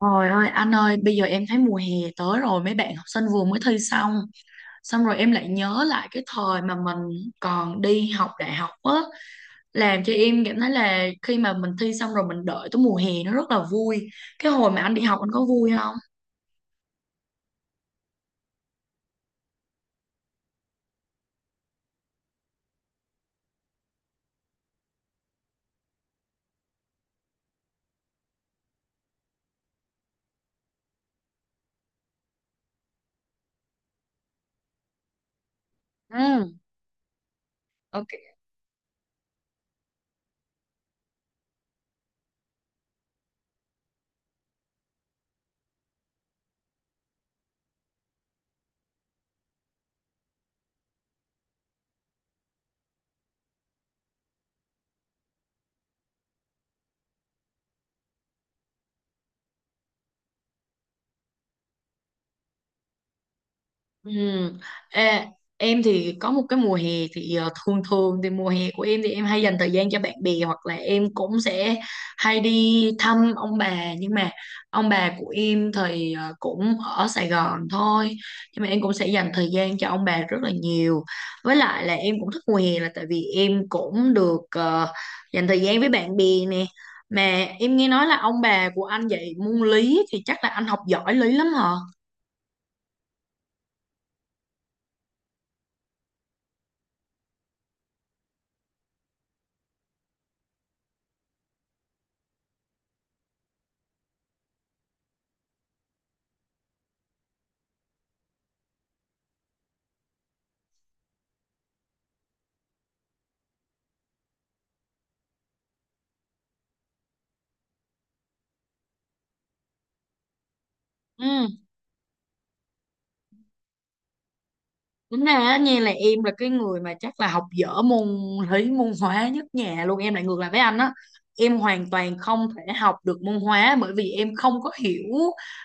Trời ơi anh ơi, bây giờ em thấy mùa hè tới rồi, mấy bạn học sinh vừa mới thi xong. Rồi em lại nhớ lại cái thời mà mình còn đi học đại học á, làm cho em cảm thấy là khi mà mình thi xong rồi mình đợi tới mùa hè nó rất là vui. Cái hồi mà anh đi học anh có vui không? Ừ, ok. Ừ. Ê, em thì có một cái mùa hè thì thường thường thì mùa hè của em thì em hay dành thời gian cho bạn bè, hoặc là em cũng sẽ hay đi thăm ông bà, nhưng mà ông bà của em thì cũng ở Sài Gòn thôi, nhưng mà em cũng sẽ dành thời gian cho ông bà rất là nhiều. Với lại là em cũng thích mùa hè là tại vì em cũng được dành thời gian với bạn bè nè. Mà em nghe nói là ông bà của anh dạy môn lý thì chắc là anh học giỏi lý lắm hả? Ừ. Tính ra á nha là em là cái người mà chắc là học dở môn lý, môn hóa nhất nhà luôn, em lại ngược lại với anh á. Em hoàn toàn không thể học được môn hóa bởi vì em không có hiểu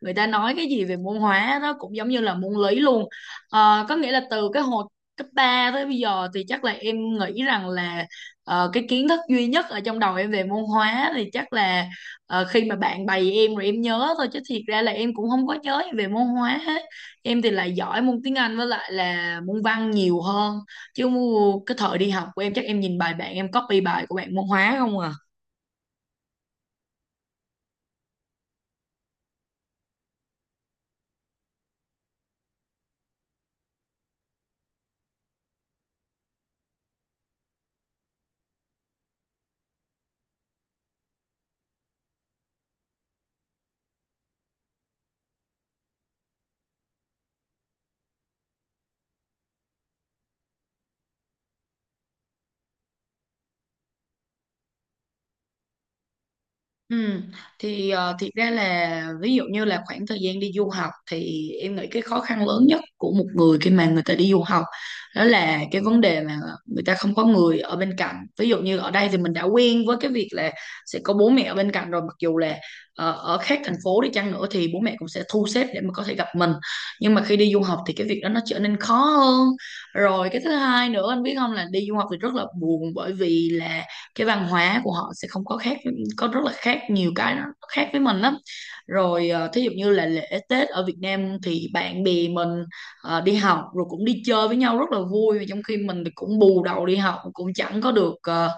người ta nói cái gì về môn hóa đó, cũng giống như là môn lý luôn. Ờ, có nghĩa là từ cái hồi cấp 3 tới bây giờ thì chắc là em nghĩ rằng là cái kiến thức duy nhất ở trong đầu em về môn hóa thì chắc là khi mà bạn bày em rồi em nhớ thôi, chứ thiệt ra là em cũng không có nhớ gì về môn hóa hết. Em thì lại giỏi môn tiếng Anh với lại là môn văn nhiều hơn, chứ cái thời đi học của em chắc em nhìn bài bạn, em copy bài của bạn môn hóa không à. Ừ, thì thiệt ra là ví dụ như là khoảng thời gian đi du học, thì em nghĩ cái khó khăn lớn nhất của một người khi mà người ta đi du học đó là cái vấn đề mà người ta không có người ở bên cạnh. Ví dụ như ở đây thì mình đã quen với cái việc là sẽ có bố mẹ ở bên cạnh rồi, mặc dù là ở khác thành phố đi chăng nữa thì bố mẹ cũng sẽ thu xếp để mà có thể gặp mình, nhưng mà khi đi du học thì cái việc đó nó trở nên khó hơn. Rồi cái thứ hai nữa anh biết không, là đi du học thì rất là buồn bởi vì là cái văn hóa của họ sẽ không có khác có rất là khác, nhiều cái nó khác với mình lắm. Rồi ờ, thí dụ như là lễ Tết ở Việt Nam thì bạn bè mình đi học rồi cũng đi chơi với nhau rất là vui, trong khi mình thì cũng bù đầu đi học, cũng chẳng có được ờ,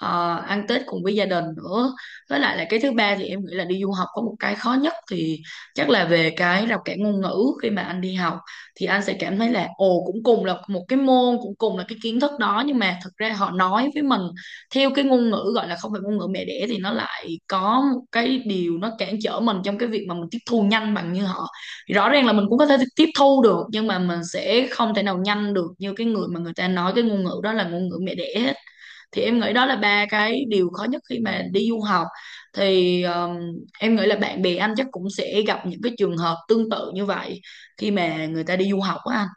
ờ, ăn Tết cùng với gia đình nữa. Với lại là cái thứ ba thì em nghĩ là đi du học có một cái khó nhất thì chắc là về cái rào cản ngôn ngữ. Khi mà anh đi học thì anh sẽ cảm thấy là ồ, cũng cùng là một cái môn, cũng cùng là cái kiến thức đó, nhưng mà thực ra họ nói với mình theo cái ngôn ngữ gọi là không phải ngôn ngữ mẹ đẻ, thì nó lại có một cái điều nó cản trở mình trong cái việc mà mình tiếp thu nhanh bằng như họ. Thì rõ ràng là mình cũng có thể tiếp thu được, nhưng mà mình sẽ không thể nào nhanh được như cái người mà người ta nói cái ngôn ngữ đó là ngôn ngữ mẹ đẻ hết. Thì em nghĩ đó là ba cái điều khó nhất khi mà đi du học. Thì em nghĩ là bạn bè anh chắc cũng sẽ gặp những cái trường hợp tương tự như vậy khi mà người ta đi du học á anh.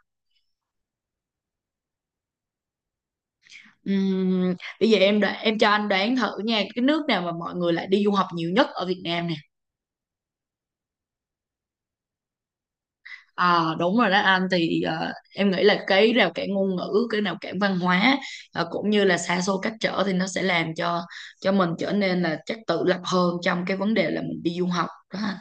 Ừm, Bây giờ em đoán, em cho anh đoán thử nha, cái nước nào mà mọi người lại đi du học nhiều nhất ở Việt Nam nè. À, đúng rồi đó anh. Thì ờ, em nghĩ là cái rào cản ngôn ngữ, cái rào cản văn hóa, ờ, cũng như là xa xôi cách trở, thì nó sẽ làm cho mình trở nên là chắc tự lập hơn trong cái vấn đề là mình đi du học đó anh.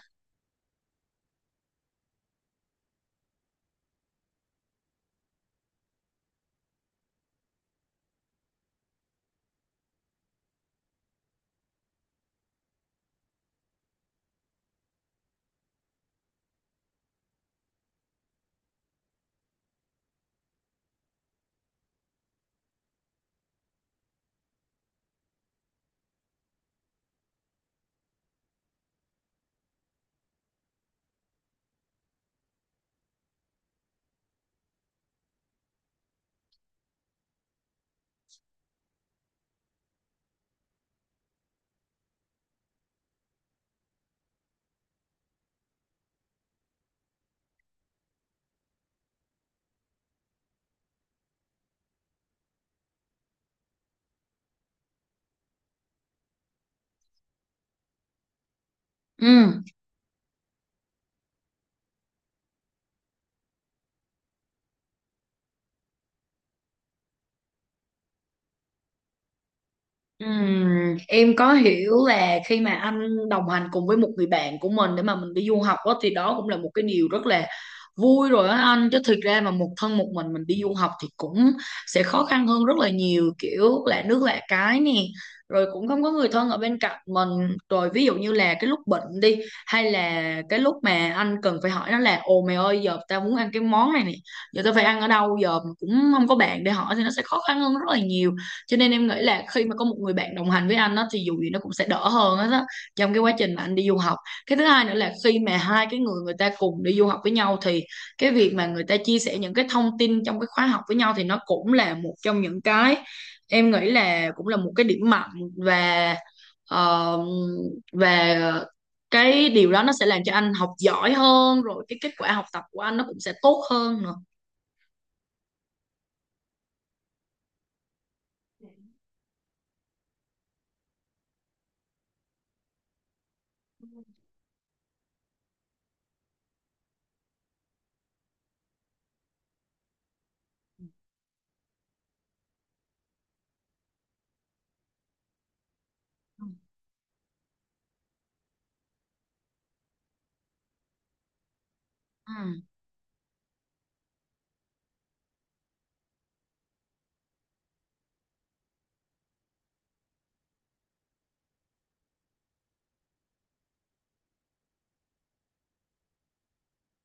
Ừ. Em có hiểu là khi mà anh đồng hành cùng với một người bạn của mình để mà mình đi du học đó, thì đó cũng là một cái điều rất là vui rồi á anh. Chứ thực ra mà một thân một mình đi du học thì cũng sẽ khó khăn hơn rất là nhiều, kiểu lạ nước lạ cái nè, rồi cũng không có người thân ở bên cạnh mình, rồi ví dụ như là cái lúc bệnh đi, hay là cái lúc mà anh cần phải hỏi nó là ồ mày ơi, giờ tao muốn ăn cái món này nè, giờ tao phải ăn ở đâu giờ, mà cũng không có bạn để hỏi thì nó sẽ khó khăn hơn rất là nhiều. Cho nên em nghĩ là khi mà có một người bạn đồng hành với anh á, thì dù gì nó cũng sẽ đỡ hơn hết á, trong cái quá trình mà anh đi du học. Cái thứ hai nữa là khi mà hai cái người, người ta cùng đi du học với nhau, thì cái việc mà người ta chia sẻ những cái thông tin trong cái khóa học với nhau, thì nó cũng là một trong những cái em nghĩ là cũng là một cái điểm mạnh. Và ờ, và cái điều đó nó sẽ làm cho anh học giỏi hơn, rồi cái kết quả học tập của anh nó cũng sẽ tốt hơn nữa. Ừ.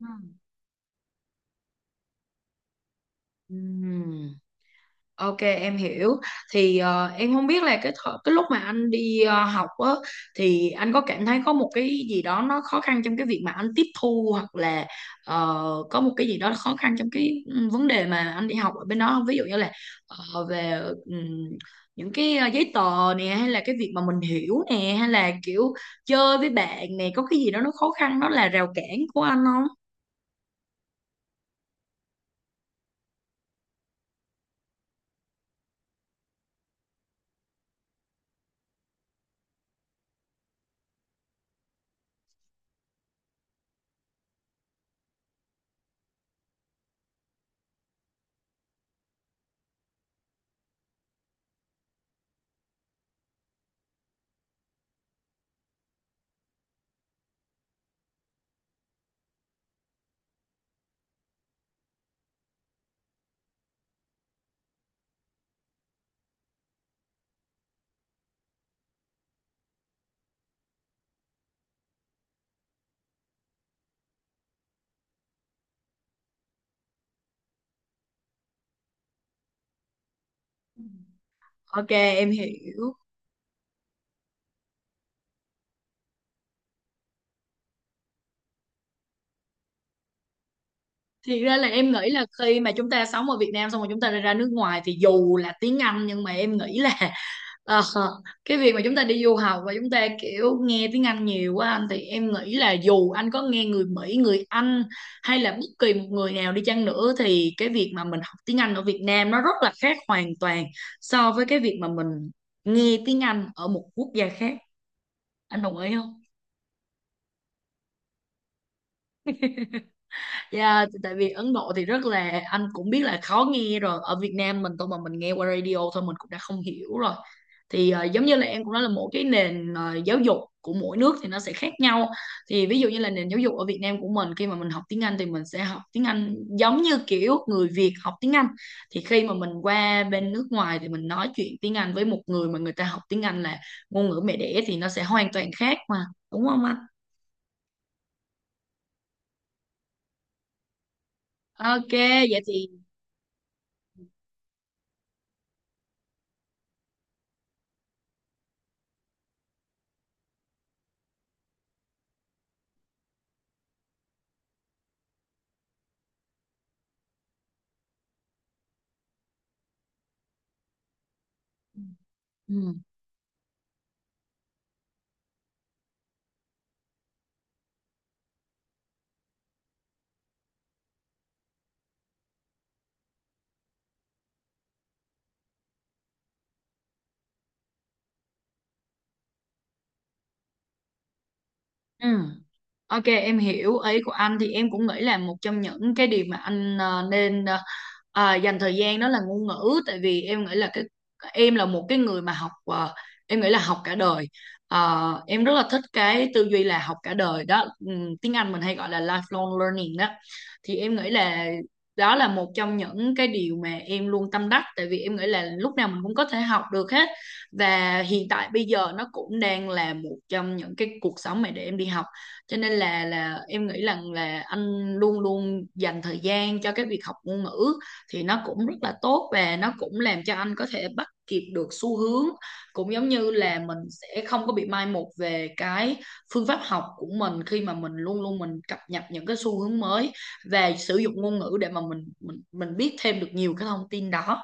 Ừ. Ừ. Ok em hiểu. Thì ờ, em không biết là cái lúc mà anh đi học á, thì anh có cảm thấy có một cái gì đó nó khó khăn trong cái việc mà anh tiếp thu, hoặc là ờ, có một cái gì đó khó khăn trong cái vấn đề mà anh đi học ở bên đó không? Ví dụ như là về những cái giấy tờ nè, hay là cái việc mà mình hiểu nè, hay là kiểu chơi với bạn nè, có cái gì đó nó khó khăn nó là rào cản của anh không? Ok em hiểu. Thì ra là em nghĩ là khi mà chúng ta sống ở Việt Nam xong rồi chúng ta lại ra nước ngoài thì dù là tiếng Anh, nhưng mà em nghĩ là ờ, cái việc mà chúng ta đi du học và chúng ta kiểu nghe tiếng Anh nhiều quá anh, thì em nghĩ là dù anh có nghe người Mỹ, người Anh hay là bất kỳ một người nào đi chăng nữa, thì cái việc mà mình học tiếng Anh ở Việt Nam nó rất là khác hoàn toàn so với cái việc mà mình nghe tiếng Anh ở một quốc gia khác. Anh đồng ý không? Yeah, tại vì Ấn Độ thì rất là, anh cũng biết là khó nghe rồi, ở Việt Nam mình tôi mà mình nghe qua radio thôi mình cũng đã không hiểu rồi. Thì ờ, giống như là em cũng nói là mỗi cái nền ờ, giáo dục của mỗi nước thì nó sẽ khác nhau. Thì ví dụ như là nền giáo dục ở Việt Nam của mình khi mà mình học tiếng Anh thì mình sẽ học tiếng Anh giống như kiểu người Việt học tiếng Anh, thì khi mà mình qua bên nước ngoài thì mình nói chuyện tiếng Anh với một người mà người ta học tiếng Anh là ngôn ngữ mẹ đẻ thì nó sẽ hoàn toàn khác mà, đúng không anh? Ok vậy thì ừ. Ừ. Ok em hiểu ý của anh. Thì em cũng nghĩ là một trong những cái điều mà anh nên à, dành thời gian đó là ngôn ngữ, tại vì em nghĩ là cái em là một cái người mà học em nghĩ là học cả đời. Ờ, em rất là thích cái tư duy là học cả đời đó. Tiếng Anh mình hay gọi là lifelong learning đó. Thì em nghĩ là đó là một trong những cái điều mà em luôn tâm đắc, tại vì em nghĩ là lúc nào mình cũng có thể học được hết, và hiện tại bây giờ nó cũng đang là một trong những cái cuộc sống mà để em đi học. Cho nên là em nghĩ rằng là anh luôn luôn dành thời gian cho cái việc học ngôn ngữ, thì nó cũng rất là tốt và nó cũng làm cho anh có thể bắt kịp được xu hướng, cũng giống như là mình sẽ không có bị mai một về cái phương pháp học của mình, khi mà mình luôn luôn mình cập nhật những cái xu hướng mới và sử dụng ngôn ngữ để mà mình biết thêm được nhiều cái thông tin đó.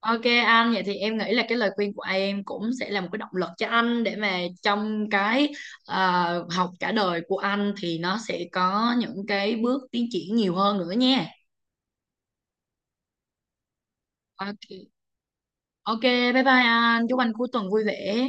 Ok anh, vậy thì em nghĩ là cái lời khuyên của em cũng sẽ là một cái động lực cho anh, để mà trong cái học cả đời của anh thì nó sẽ có những cái bước tiến triển nhiều hơn nữa nha. Ok, ok, bye bye anh, chúc anh cuối tuần vui vẻ.